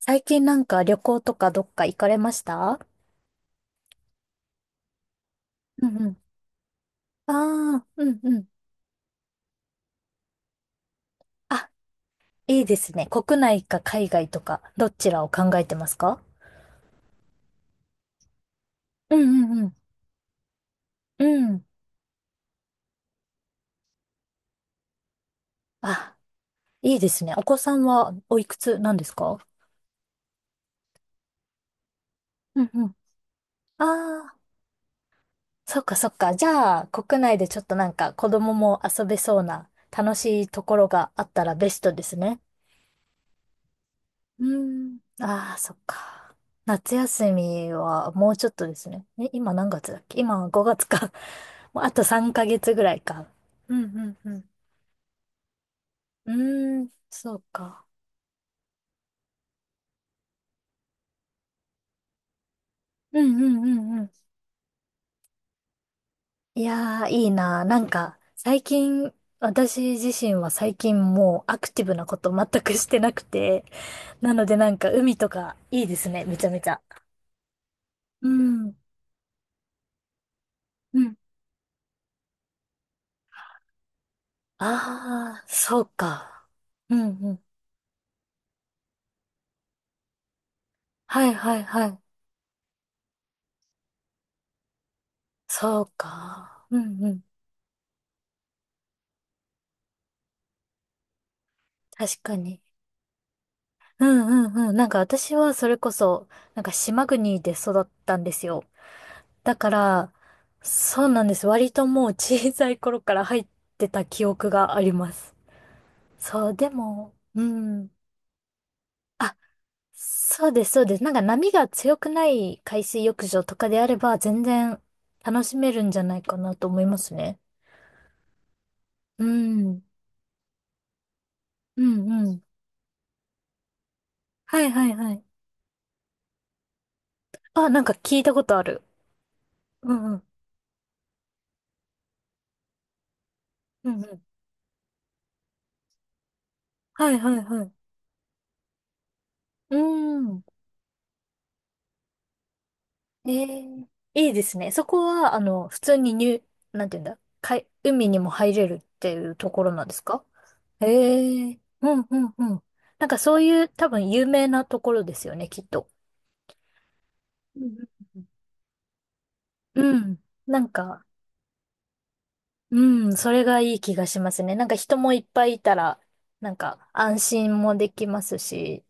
最近なんか旅行とかどっか行かれました？うんうん。ああ、うんうん。あ、いいですね。国内か海外とか、どちらを考えてますか？うんうんうん。うん。あ、いいですね。お子さんはおいくつなんですか？うんうん。ああ、そっかそっか。じゃあ、国内でちょっとなんか子供も遊べそうな楽しいところがあったらベストですね。うん。ああ、そっか。夏休みはもうちょっとですね。え、今何月だっけ、今5月か。もうあと3ヶ月ぐらいか。うんうんうん。うーん、そうか。うんうんうんうん。いやー、いいな。なんか、最近、私自身は最近もうアクティブなこと全くしてなくて、なのでなんか海とかいいですね、めちゃめちゃ。うん、うん。ああ、そうか。うんうん。はいはいはい。そうか。うんうん。確かに。うんうんうん。なんか私はそれこそ、なんか島国で育ったんですよ。だから、そうなんです。割ともう小さい頃から入ってた記憶があります。そう、でも、うん。あ、そうです、そうです。なんか波が強くない海水浴場とかであれば、全然楽しめるんじゃないかなと思いますね。うん。うんうん。はいはいはい。あ、なんか聞いたことある。うんうん。うんうん、はいはいはい。うーん。ええ、いいですね。そこは、普通に入、なんていうんだ、海にも入れるっていうところなんですか？ええ、うんうんうん。なんかそういう多分有名なところですよね、きっと。うんうんうんうん。なんか、うん、それがいい気がしますね。なんか人もいっぱいいたら、なんか安心もできますし、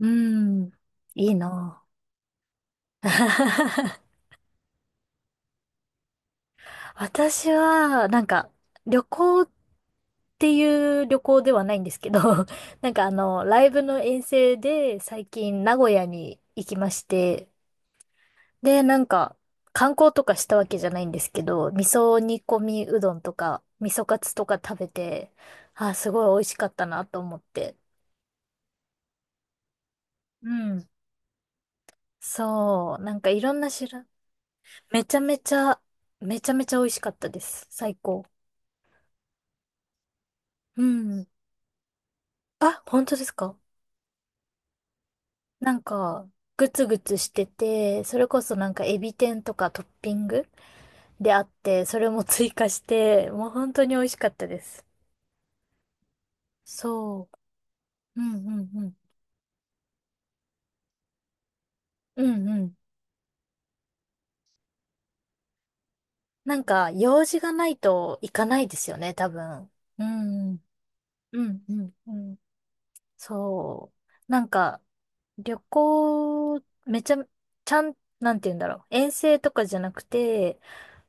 うん、いいなぁ。私は、なんか、旅行っていう旅行ではないんですけど、なんかライブの遠征で最近名古屋に行きまして、で、なんか、観光とかしたわけじゃないんですけど、味噌煮込みうどんとか、味噌カツとか食べて、あ、すごい美味しかったなと思って。うん。そう、なんかいろんな種類、めちゃめちゃ、めちゃめちゃ美味しかったです。最高。うん。あ、本当ですか？なんか、グツグツしてて、それこそなんかエビ天とかトッピングであって、それも追加して、もう本当に美味しかったです。そう。うんうんうん。うんうん。なんか、用事がないと行かないですよね、多分。うんうん。うんうんうん。そう。なんか、旅行、めちゃ、ちゃん、なんて言うんだろう。遠征とかじゃなくて、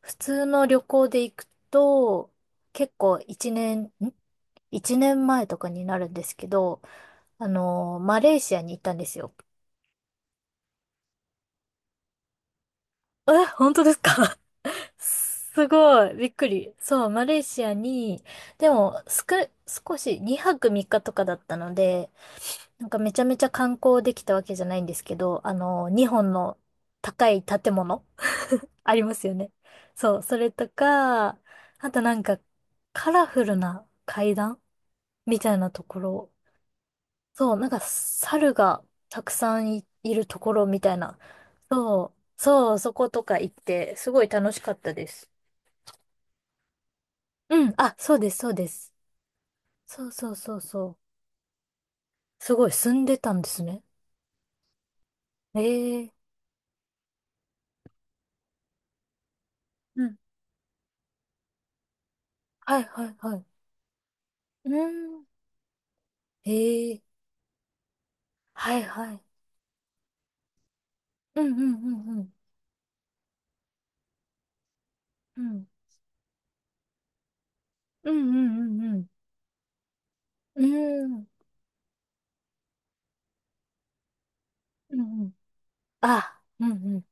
普通の旅行で行くと、結構一年前とかになるんですけど、マレーシアに行ったんですよ。え、本当ですか？ すごい、びっくり。そう、マレーシアに、でも、少し2泊3日とかだったので、なんかめちゃめちゃ観光できたわけじゃないんですけど、2本の高い建物 ありますよね。そう、それとか、あとなんかカラフルな階段みたいなところ。そう、なんか猿がたくさんいるところみたいな。そう、そう、そことか行って、すごい楽しかったです。うん、あ、そうです、そうです。そうそうそうそう。すごい、住んでたんですね。ええ、うん。はいはいはい。うん。ええ、はいはい。うんうんうんうん。うん。うんうんうんうん。うーん。うんうん。あ、うんうん。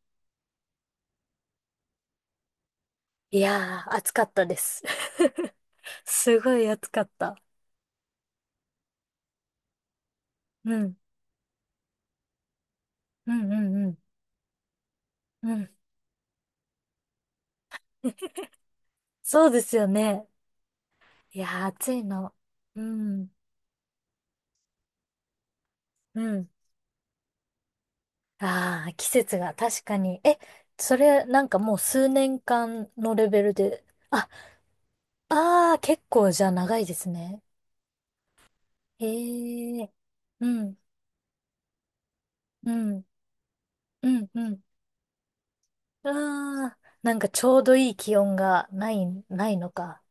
いやー、暑かったです。すごい暑かった。うん。うんうんうん。うん。そうですよね。いやー、暑いの。うん。うん。ああ、季節が確かに。え、それ、なんかもう数年間のレベルで。あ、ああ、結構じゃあ長いですね。へえ。うん。うん。うん。うん。ああ、なんかちょうどいい気温がない、ないのか。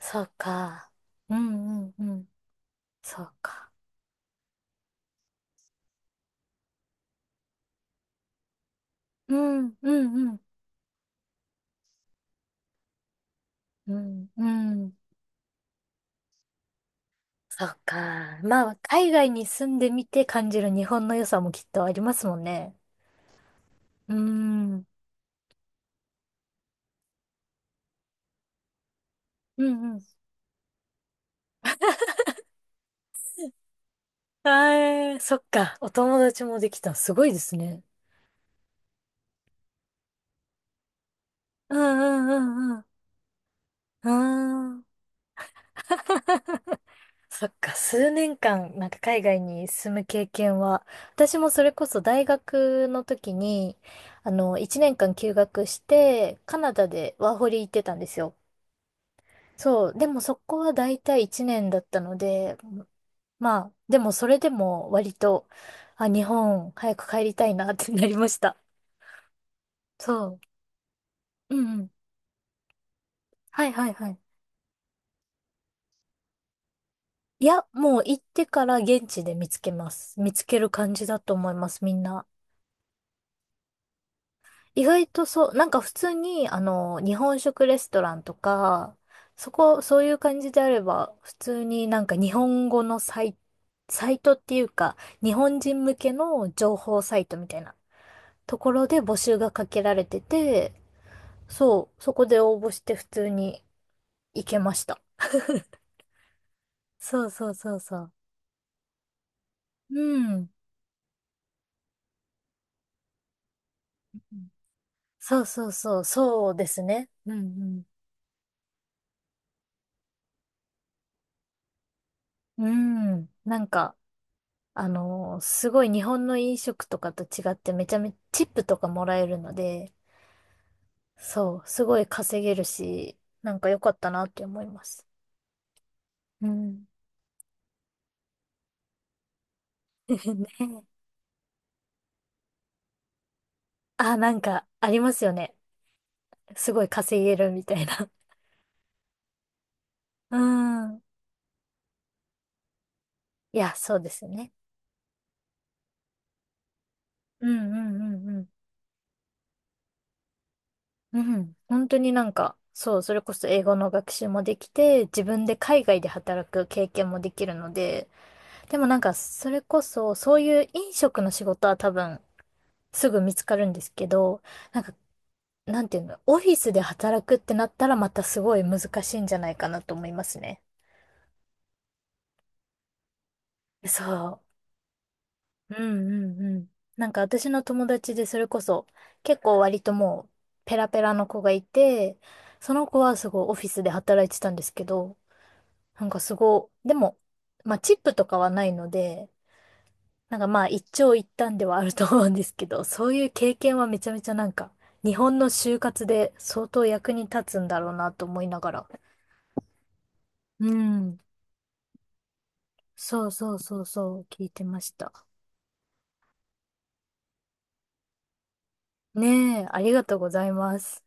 そうか。うんうんうん。そうか。うんうんうん。うんうん。そうか。まあ、海外に住んでみて感じる日本の良さもきっとありますもんね。うん。うんうん。ああ、そっか。お友達もできた。すごいですね。うんうんうんうん。うん。そっか、数年間、なんか海外に住む経験は、私もそれこそ大学の時に、1年間休学して、カナダでワーホリ行ってたんですよ。そう、でもそこは大体1年だったので、まあ、でもそれでも割と、あ、日本早く帰りたいなってなりました。そう。うんうん。はいはいはい。いや、もう行ってから現地で見つけます。見つける感じだと思います、みんな。意外とそう、なんか普通に、日本食レストランとか、そういう感じであれば、普通になんか日本語のサイトっていうか、日本人向けの情報サイトみたいなところで募集がかけられてて、そう、そこで応募して普通に行けました。そうそうそうそう。うん。そうそうそう、そうですね。うんうん。うん。なんか、すごい日本の飲食とかと違ってめちゃめちゃチップとかもらえるので、そう、すごい稼げるし、なんか良かったなって思います。うん。ねあ、なんかありますよね。すごい稼げるみたいな。うん。いや、そうですよね。うんうんうんうん。うん。本当になんか、そう、それこそ英語の学習もできて、自分で海外で働く経験もできるので、でもなんか、それこそ、そういう飲食の仕事は多分、すぐ見つかるんですけど、なんか、なんていうの、オフィスで働くってなったらまたすごい難しいんじゃないかなと思いますね。そう。うんうんうん。なんか私の友達でそれこそ結構割ともうペラペラの子がいて、その子はすごいオフィスで働いてたんですけど、なんかすごい、でも、まあチップとかはないので、なんかまあ一長一短ではあると思うんですけど、そういう経験はめちゃめちゃなんか、日本の就活で相当役に立つんだろうなと思いながら。うん。そうそうそうそう、聞いてました。ねえ、ありがとうございます。